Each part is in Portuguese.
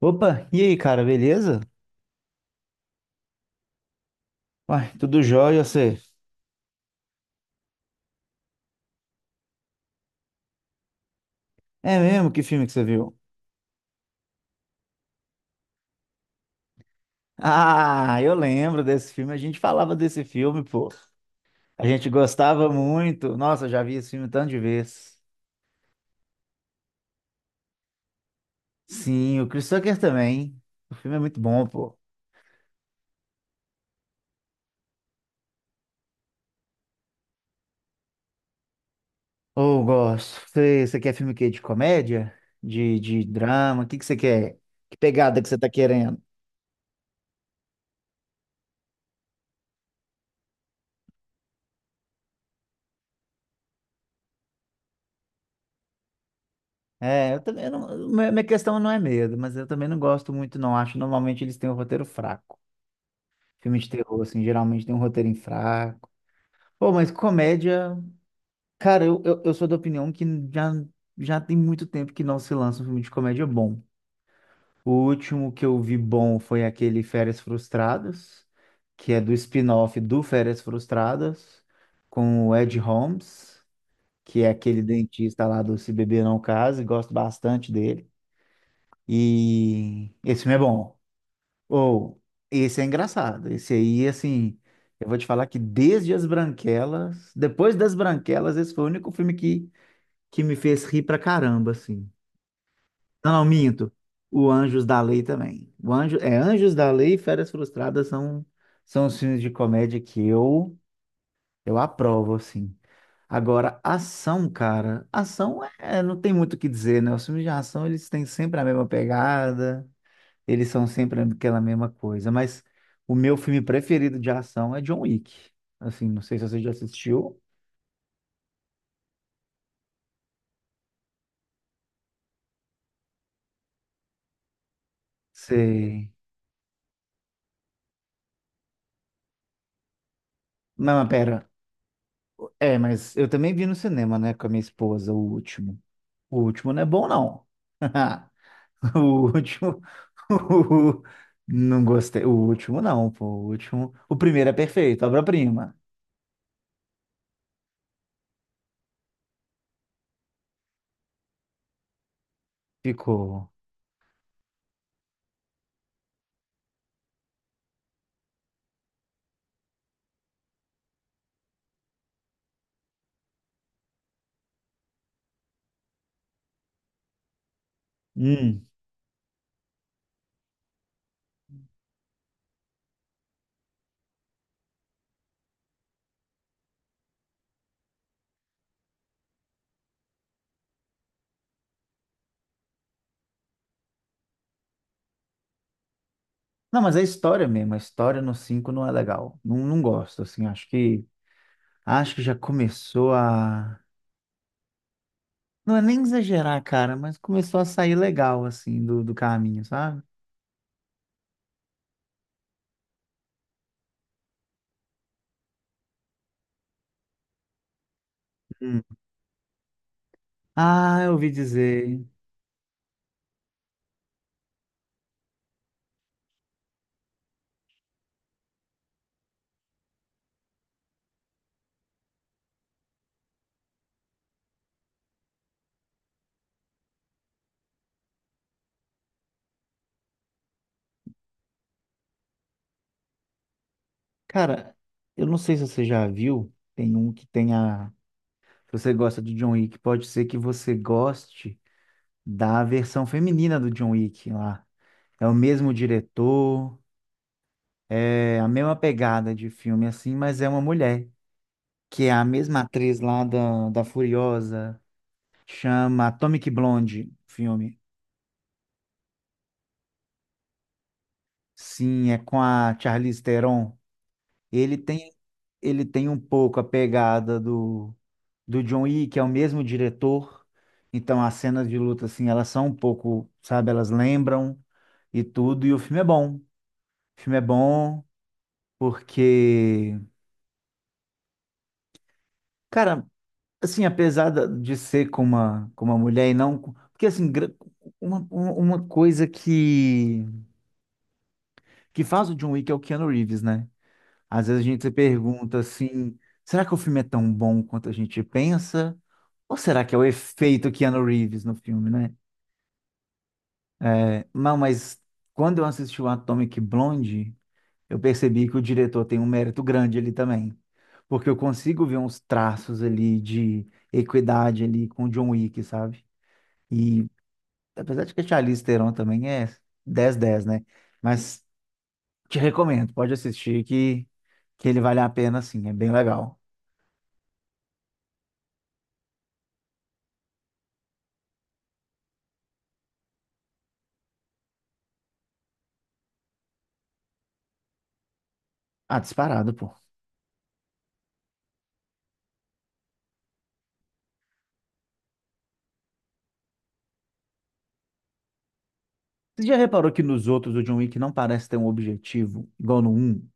Opa, e aí, cara, beleza? Uai, tudo jóia, você? É mesmo? Que filme que você viu? Ah, eu lembro desse filme, a gente falava desse filme, pô. A gente gostava muito. Nossa, eu já vi esse filme tanto de vez. Sim, o Chris Tucker também. O filme é muito bom, pô. Oh, gosto. Você quer filme o quê? De comédia? De drama? O que que você quer? Que pegada que você tá querendo? É, eu também não. Minha questão não é medo, mas eu também não gosto muito, não. Acho que normalmente eles têm um roteiro fraco. Filme de terror, assim, geralmente tem um roteirinho fraco. Pô, mas comédia. Cara, eu sou da opinião que já, já tem muito tempo que não se lança um filme de comédia bom. O último que eu vi bom foi aquele Férias Frustradas, que é do spin-off do Férias Frustradas, com o Ed Holmes, que é aquele dentista lá do Se Beber Não Case, gosto bastante dele. E esse filme é bom. Ou, esse é engraçado. Esse aí, assim, eu vou te falar que desde As Branquelas, depois das Branquelas, esse foi o único filme que me fez rir pra caramba, assim. Não, não, minto. O Anjos da Lei também. Anjos da Lei e Férias Frustradas são os filmes de comédia que eu aprovo, assim. Agora, ação, cara, ação é, não tem muito o que dizer, né? Os filmes de ação, eles têm sempre a mesma pegada. Eles são sempre aquela mesma coisa. Mas o meu filme preferido de ação é John Wick. Assim, não sei se você já assistiu. Sei. Não, mas pera. É, mas eu também vi no cinema, né, com a minha esposa, o último. O último não é bom, não. O último. Não gostei. O último, não, pô. O último. O primeiro é perfeito, obra-prima. Ficou. Hum. Não, mas é história mesmo. A história no 5 não é legal. Não, não gosto, assim. Acho que já começou a. Não é nem exagerar, cara, mas começou a sair legal, assim, do caminho, sabe? Hum. Ah, eu ouvi dizer. Cara, eu não sei se você já viu, tem um que tem a. Se você gosta de John Wick, pode ser que você goste da versão feminina do John Wick lá. É o mesmo diretor, é a mesma pegada de filme, assim, mas é uma mulher, que é a mesma atriz lá da Furiosa, chama Atomic Blonde, o filme. Sim, é com a Charlize Theron. Ele tem, Ele tem um pouco a pegada do John Wick, que é o mesmo diretor. Então as cenas de luta, assim, elas são um pouco, sabe, elas lembram e tudo. E o filme é bom. O filme é bom porque, cara, assim, apesar de ser com com uma mulher e não. Porque, assim, uma coisa que faz o John Wick é o Keanu Reeves, né? Às vezes a gente se pergunta assim: será que o filme é tão bom quanto a gente pensa? Ou será que é o efeito Keanu Reeves no filme, né? É, não, mas quando eu assisti o Atomic Blonde, eu percebi que o diretor tem um mérito grande ali também. Porque eu consigo ver uns traços ali de equidade ali com o John Wick, sabe? E apesar de que a Charlize Theron também é dez dez, né? Mas te recomendo, pode assistir que ele vale a pena sim, é bem legal. Ah, disparado, pô. Você já reparou que nos outros o John Wick não parece ter um objetivo, igual no um?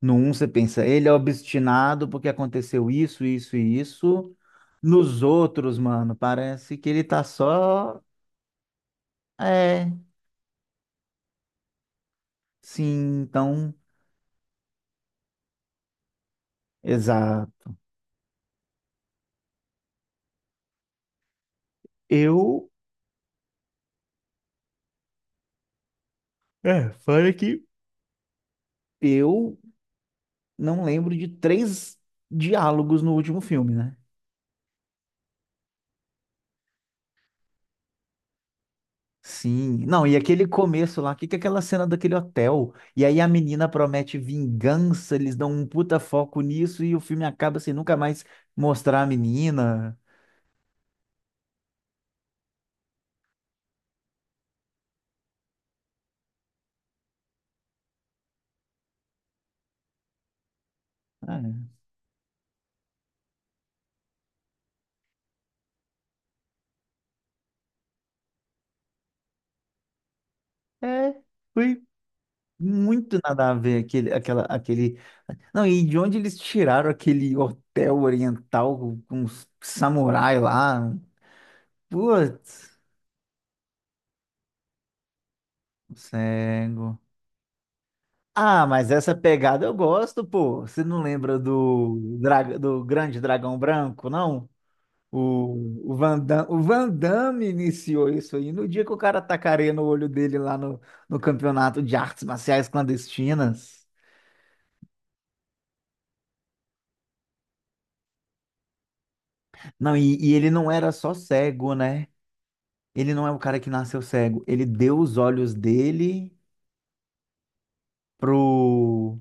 No um você pensa, ele é obstinado porque aconteceu isso, isso e isso. Nos outros, mano, parece que ele tá só. É, sim, então. Exato. Eu. É, fora que. Eu não lembro de três diálogos no último filme, né? Sim, não, e aquele começo lá, que é aquela cena daquele hotel? E aí a menina promete vingança, eles dão um puta foco nisso e o filme acaba sem nunca mais mostrar a menina. Ah, é, foi muito nada a ver aquele, aquela, aquele. Não, e de onde eles tiraram aquele hotel oriental com os samurai lá? Putz, cego. Ah, mas essa pegada eu gosto, pô. Você não lembra do Grande Dragão Branco, não? O Van Damme iniciou isso aí no dia que o cara tacareia no olho dele lá no campeonato de artes marciais clandestinas. Não, e ele não era só cego, né? Ele não é o cara que nasceu cego. Ele deu os olhos dele pro,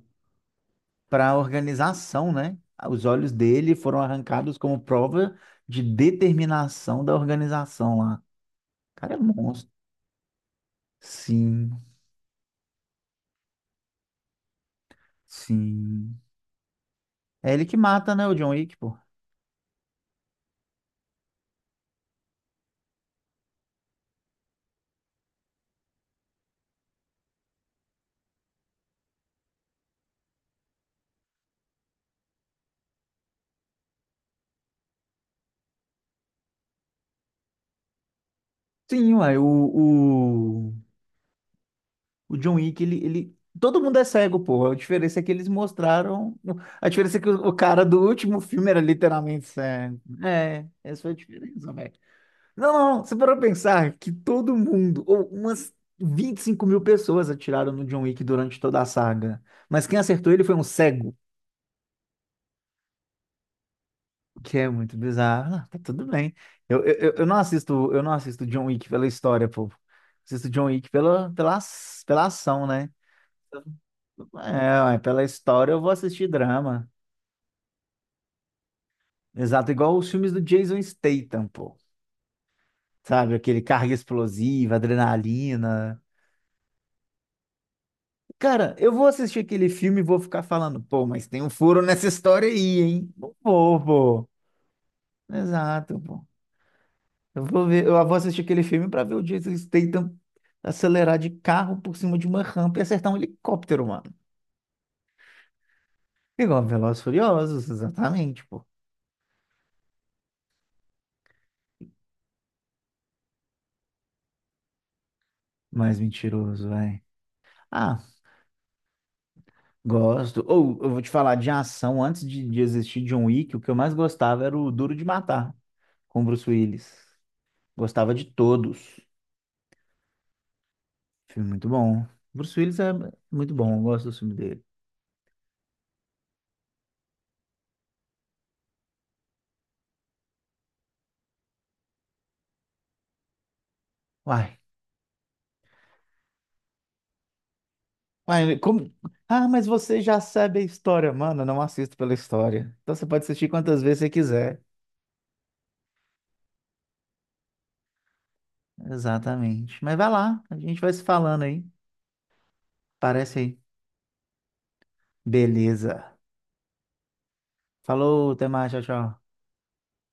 pra organização, né? Os olhos dele foram arrancados como prova de determinação da organização lá. O cara é monstro. Sim, sim. É ele que mata, né, o John Wick, pô. Sim, uai, o John Wick, ele. Todo mundo é cego, pô. A diferença é que eles mostraram. A diferença é que o cara do último filme era literalmente cego. É, essa foi a diferença, velho. Não, não, não, você parou pra pensar que todo mundo, ou umas 25 mil pessoas atiraram no John Wick durante toda a saga. Mas quem acertou ele foi um cego, o que é muito bizarro. Ah, tá tudo bem. Eu não assisto John Wick pela história, pô. Assisto John Wick pela ação, né? É, ué, pela história eu vou assistir drama. Exato, igual os filmes do Jason Statham, pô. Sabe, aquele carga explosiva, adrenalina. Cara, eu vou assistir aquele filme e vou ficar falando, pô, mas tem um furo nessa história aí, hein? Não vou, pô. Exato, pô. Eu vou assistir aquele filme pra ver o Jason Statham acelerar de carro por cima de uma rampa e acertar um helicóptero, mano. Igual Velozes e Furiosos, exatamente, pô. Mais mentiroso, vai. Ah, gosto. Ou eu vou te falar de ação. Antes de existir John Wick, o que eu mais gostava era o Duro de Matar, com Bruce Willis. Gostava de todos. Filme muito bom. Bruce Willis é muito bom, eu gosto do filme dele. Uai, uai, como... Ah, mas você já sabe a história. Mano, eu não assisto pela história. Então você pode assistir quantas vezes você quiser. Exatamente. Mas vai lá, a gente vai se falando aí. Parece aí. Beleza. Falou, até mais, tchau, tchau.